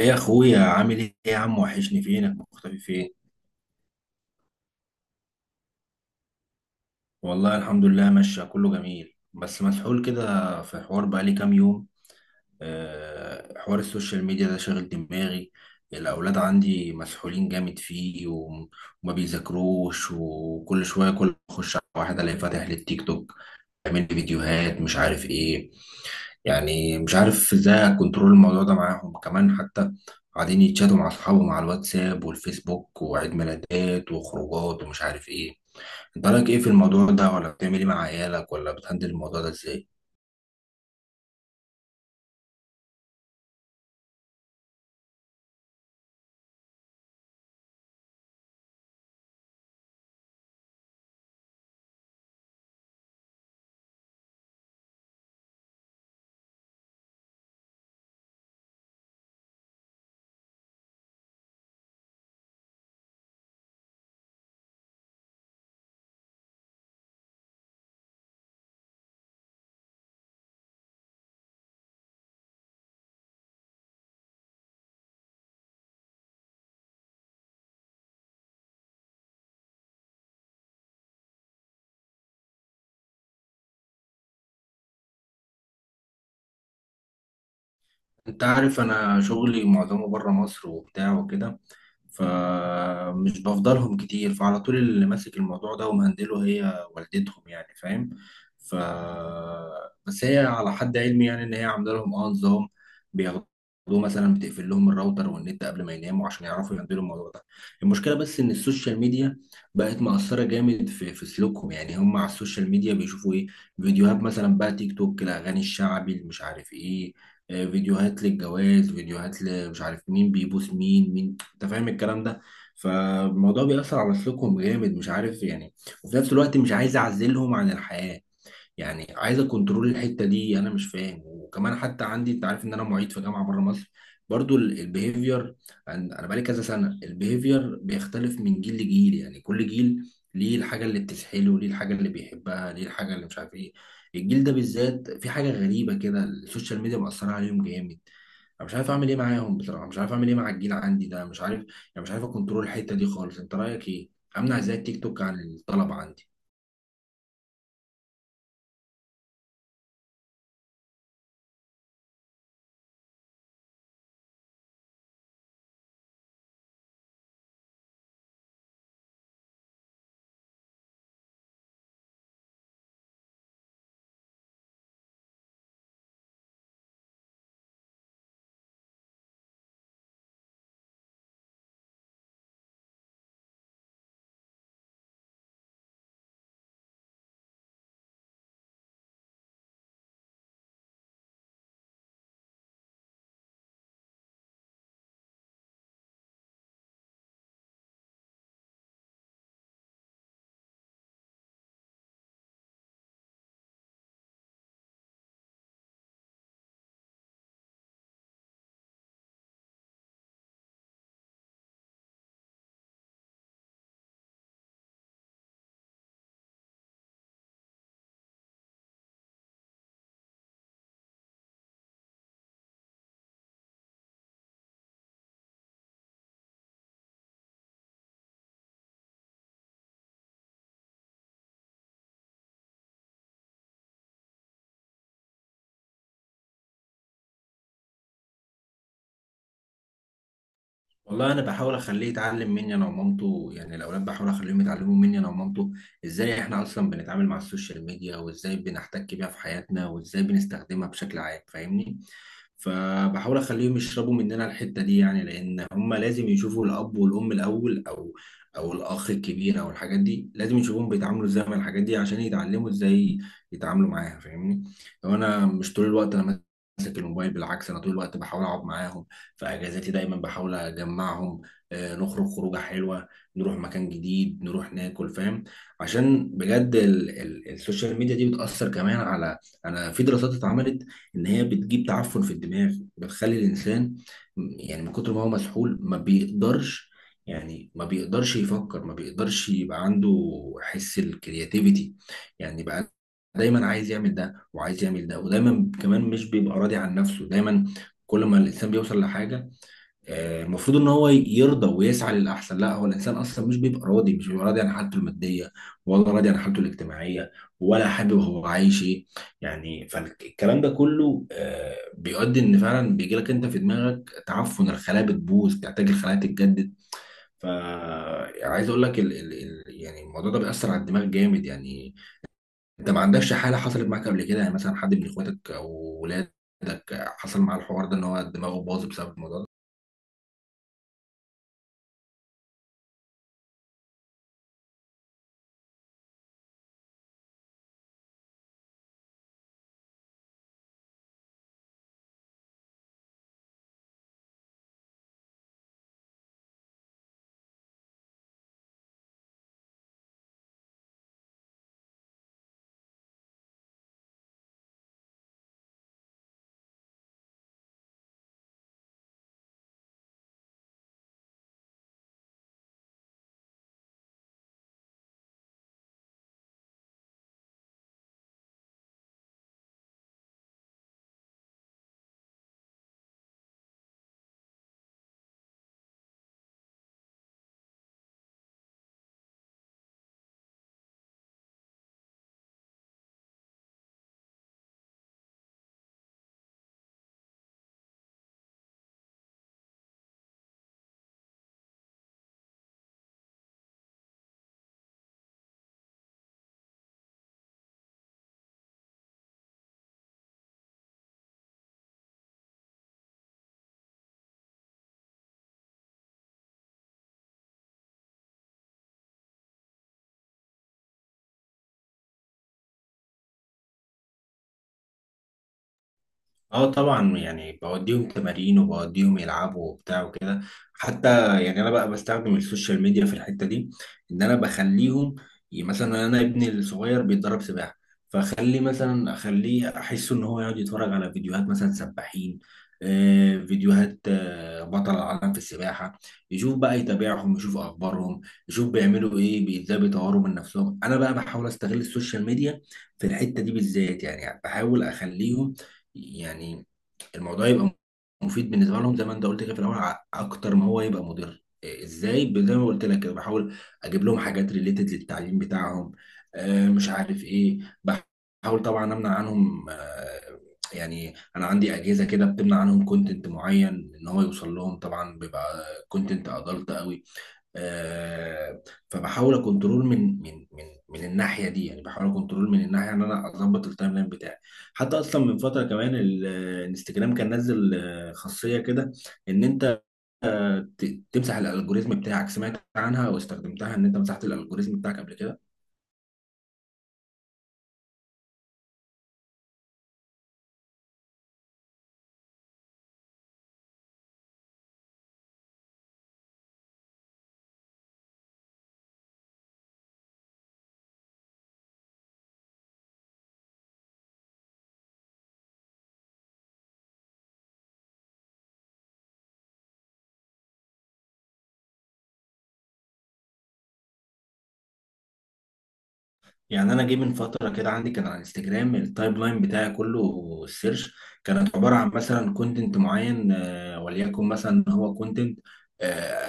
ايه يا اخويا؟ عامل ايه يا عم؟ وحشني، فينك مختفي؟ فين؟ والله الحمد لله ماشية، كله جميل، بس مسحول كده في حوار بقالي كام يوم. حوار السوشيال ميديا ده شاغل دماغي. الاولاد عندي مسحولين جامد فيه. وما بيذاكروش، وكل شوية كل ما اخش على واحد الاقي فاتح للتيك توك يعمل لي فيديوهات مش عارف ايه. يعني مش عارف ازاي اكنترول الموضوع ده معاهم، كمان حتى قاعدين يتشاتوا مع اصحابهم على الواتساب والفيسبوك، وعيد ميلادات وخروجات ومش عارف ايه. انت رايك ايه في الموضوع ده؟ ولا بتعمل ايه مع عيالك؟ ولا بتهندل الموضوع ده ازاي؟ انت عارف انا شغلي معظمه بره مصر وبتاع وكده، فمش بفضلهم كتير، فعلى طول اللي ماسك الموضوع ده ومهندله هي والدتهم، يعني فاهم. ف بس هي على حد علمي يعني ان هي عامله لهم اه نظام بياخدوه، مثلا بتقفل لهم الراوتر والنت قبل ما يناموا عشان يعرفوا يهندلوا الموضوع ده. المشكله بس ان السوشيال ميديا بقت مأثره جامد في سلوكهم. يعني هم على السوشيال ميديا بيشوفوا ايه؟ فيديوهات مثلا بقى تيك توك، الاغاني الشعبي اللي مش عارف ايه، فيديوهات للجواز، فيديوهات مش عارف مين بيبوس مين مين، انت فاهم الكلام ده. فالموضوع بيأثر على سلوكهم جامد، مش عارف يعني. وفي نفس الوقت مش عايز اعزلهم عن الحياة، يعني عايزه كنترول الحته دي، انا مش فاهم. وكمان حتى عندي، انت عارف ان انا معيد في جامعه بره مصر، برضو البيهيفير انا بقالي كذا سنه البيهيفير بيختلف من جيل لجيل. يعني كل جيل ليه الحاجه اللي بتسحله، ليه الحاجه اللي بيحبها، ليه الحاجه اللي مش عارف ايه. الجيل ده بالذات في حاجه غريبه كده، السوشيال ميديا مأثره عليهم جامد. انا مش عارف اعمل ايه معاهم، بصراحه مش عارف اعمل ايه مع الجيل عندي ده، مش عارف. يعني مش عارف اكنترول الحته دي خالص. انت رايك ايه؟ امنع ازاي التيك توك عن الطلبه عندي؟ والله انا بحاول اخليه يتعلم مني انا ومامته، يعني الاولاد بحاول اخليهم يتعلموا مني انا ومامته ازاي احنا اصلا بنتعامل مع السوشيال ميديا، وازاي بنحتك بيها في حياتنا، وازاي بنستخدمها بشكل عام، فاهمني. فبحاول اخليهم يشربوا مننا الحتة دي، يعني لان هم لازم يشوفوا الاب والام الاول، او او الاخ الكبير، او الحاجات دي لازم يشوفهم بيتعاملوا ازاي مع الحاجات دي عشان يتعلموا ازاي يتعاملوا معاها، فاهمني. لو انا مش طول الوقت انا ماسك الموبايل، بالعكس انا طول الوقت بحاول اقعد معاهم، في اجازاتي دايما بحاول اجمعهم، نخرج خروجه حلوه، نروح مكان جديد، نروح ناكل، فاهم. عشان بجد ال السوشيال ميديا دي بتاثر كمان على، انا في دراسات اتعملت ان هي بتجيب تعفن في الدماغ، بتخلي الانسان يعني من كتر ما هو مسحول ما بيقدرش، يعني ما بيقدرش يفكر، ما بيقدرش يبقى عنده حس الكرياتيفيتي. يعني بقى دايما عايز يعمل ده وعايز يعمل ده، ودايما كمان مش بيبقى راضي عن نفسه. دايما كل ما الانسان بيوصل لحاجه، المفروض ان هو يرضى ويسعى للاحسن. لا، هو الانسان اصلا مش بيبقى راضي، مش بيبقى راضي عن حالته الماديه، ولا راضي عن حالته الاجتماعيه، ولا حابب هو عايش ايه يعني. فالكلام ده كله بيؤدي ان فعلا بيجي لك انت في دماغك تعفن، الخلايا بتبوظ، تحتاج الخلايا تتجدد. فعايز اقول لك ال يعني الموضوع ده بيأثر على الدماغ جامد يعني. انت ما عندكش حاله حصلت معاك قبل كده، يعني مثلا حد من اخواتك او ولادك حصل معاه الحوار ده ان هو دماغه باظ بسبب الموضوع ده؟ اه طبعا، يعني بوديهم تمارين، وبوديهم يلعبوا وبتاع وكده. حتى يعني انا بقى بستخدم السوشيال ميديا في الحته دي، ان انا بخليهم، مثلا انا ابني الصغير بيتدرب سباحه، فاخلي مثلا، اخليه احس ان هو يقعد يتفرج على فيديوهات مثلا سباحين، فيديوهات بطل العالم في السباحه، يشوف بقى، يتابعهم، يشوف اخبارهم، يشوف بيعملوا ايه، ازاي بيطوروا من نفسهم. انا بقى بحاول استغل السوشيال ميديا في الحته دي بالذات، يعني بحاول اخليهم، يعني الموضوع يبقى مفيد بالنسبه لهم زي ما انت قلت كده في الاول، اكتر ما هو يبقى مضر. إيه، ازاي زي ما قلت لك كده، بحاول اجيب لهم حاجات ريليتد للتعليم بتاعهم، مش عارف ايه. بحاول طبعا امنع عنهم يعني انا عندي اجهزه كده بتمنع عنهم كونتنت معين ان هو يوصل لهم، طبعا بيبقى كونتنت ادلت قوي، آه، فبحاول اكنترول من الناحيه دي. يعني بحاول اكنترول من الناحيه ان انا اظبط التايم لاين بتاعي. حتى اصلا من فتره كمان الانستجرام كان نزل خاصيه كده ان انت تمسح الالجوريزم بتاعك. سمعت عنها او استخدمتها ان انت مسحت الالجوريزم بتاعك قبل كده؟ يعني انا جه من فتره كده، عندي كان على انستجرام التايب لاين بتاعي كله، السيرش كانت عباره عن مثلا كونتنت معين وليكن مثلا هو كونتنت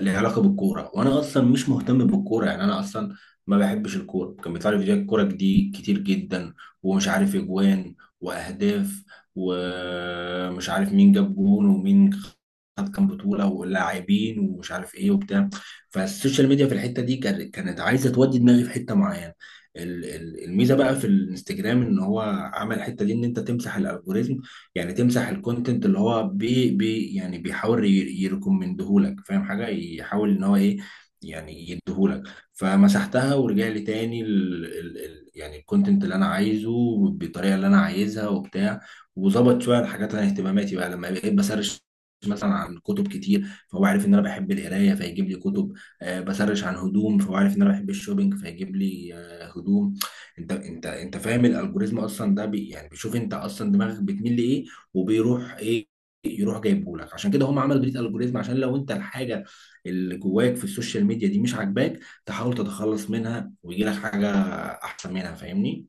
له علاقه بالكوره، وانا اصلا مش مهتم بالكوره، يعني انا اصلا ما بحبش الكوره. كان بيطلع لي فيديوهات كوره دي كتير جدا، ومش عارف اجوان، واهداف، ومش عارف مين جاب جون، ومين خد كام بطوله، ولاعبين ومش عارف ايه وبتاع. فالسوشيال ميديا في الحته دي كانت كانت عايزه تودي دماغي في حته معينه. الميزه بقى في الانستجرام ان هو عمل الحته دي ان انت تمسح الالجوريزم، يعني تمسح الكونتنت اللي هو بي يعني بيحاول يريكومندهولك، فاهم حاجه، يحاول ان هو ايه، يعني يديهولك. فمسحتها ورجع لي تاني ال يعني الكونتنت اللي انا عايزه بالطريقه اللي انا عايزها وبتاع، وظبط شويه الحاجات اللي انا اهتماماتي. بقى لما بقيت بسرش مثلا عن كتب كتير، فهو عارف ان انا بحب القرايه فيجيب لي كتب، بسرش عن هدوم فهو عارف ان انا بحب الشوبينج فيجيب لي هدوم. انت فاهم الالجوريزم اصلا ده بي يعني بيشوف انت اصلا دماغك بتميل لايه وبيروح ايه، يروح جايبه لك. عشان كده هم عملوا بريد الجوريزم، عشان لو انت الحاجه اللي جواك في السوشيال ميديا دي مش عاجباك تحاول تتخلص منها، ويجي لك حاجه احسن منها، فاهمني.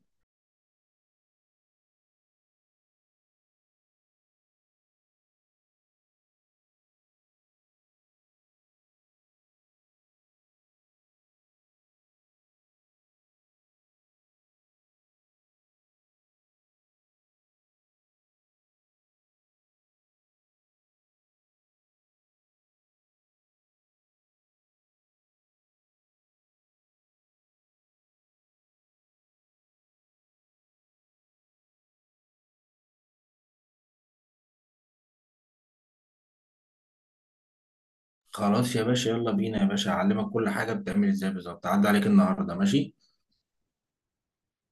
خلاص يا باشا، يلا بينا يا باشا، اعلمك كل حاجه بتعمل ازاي بالظبط. عدى عليك النهارده، ماشي؟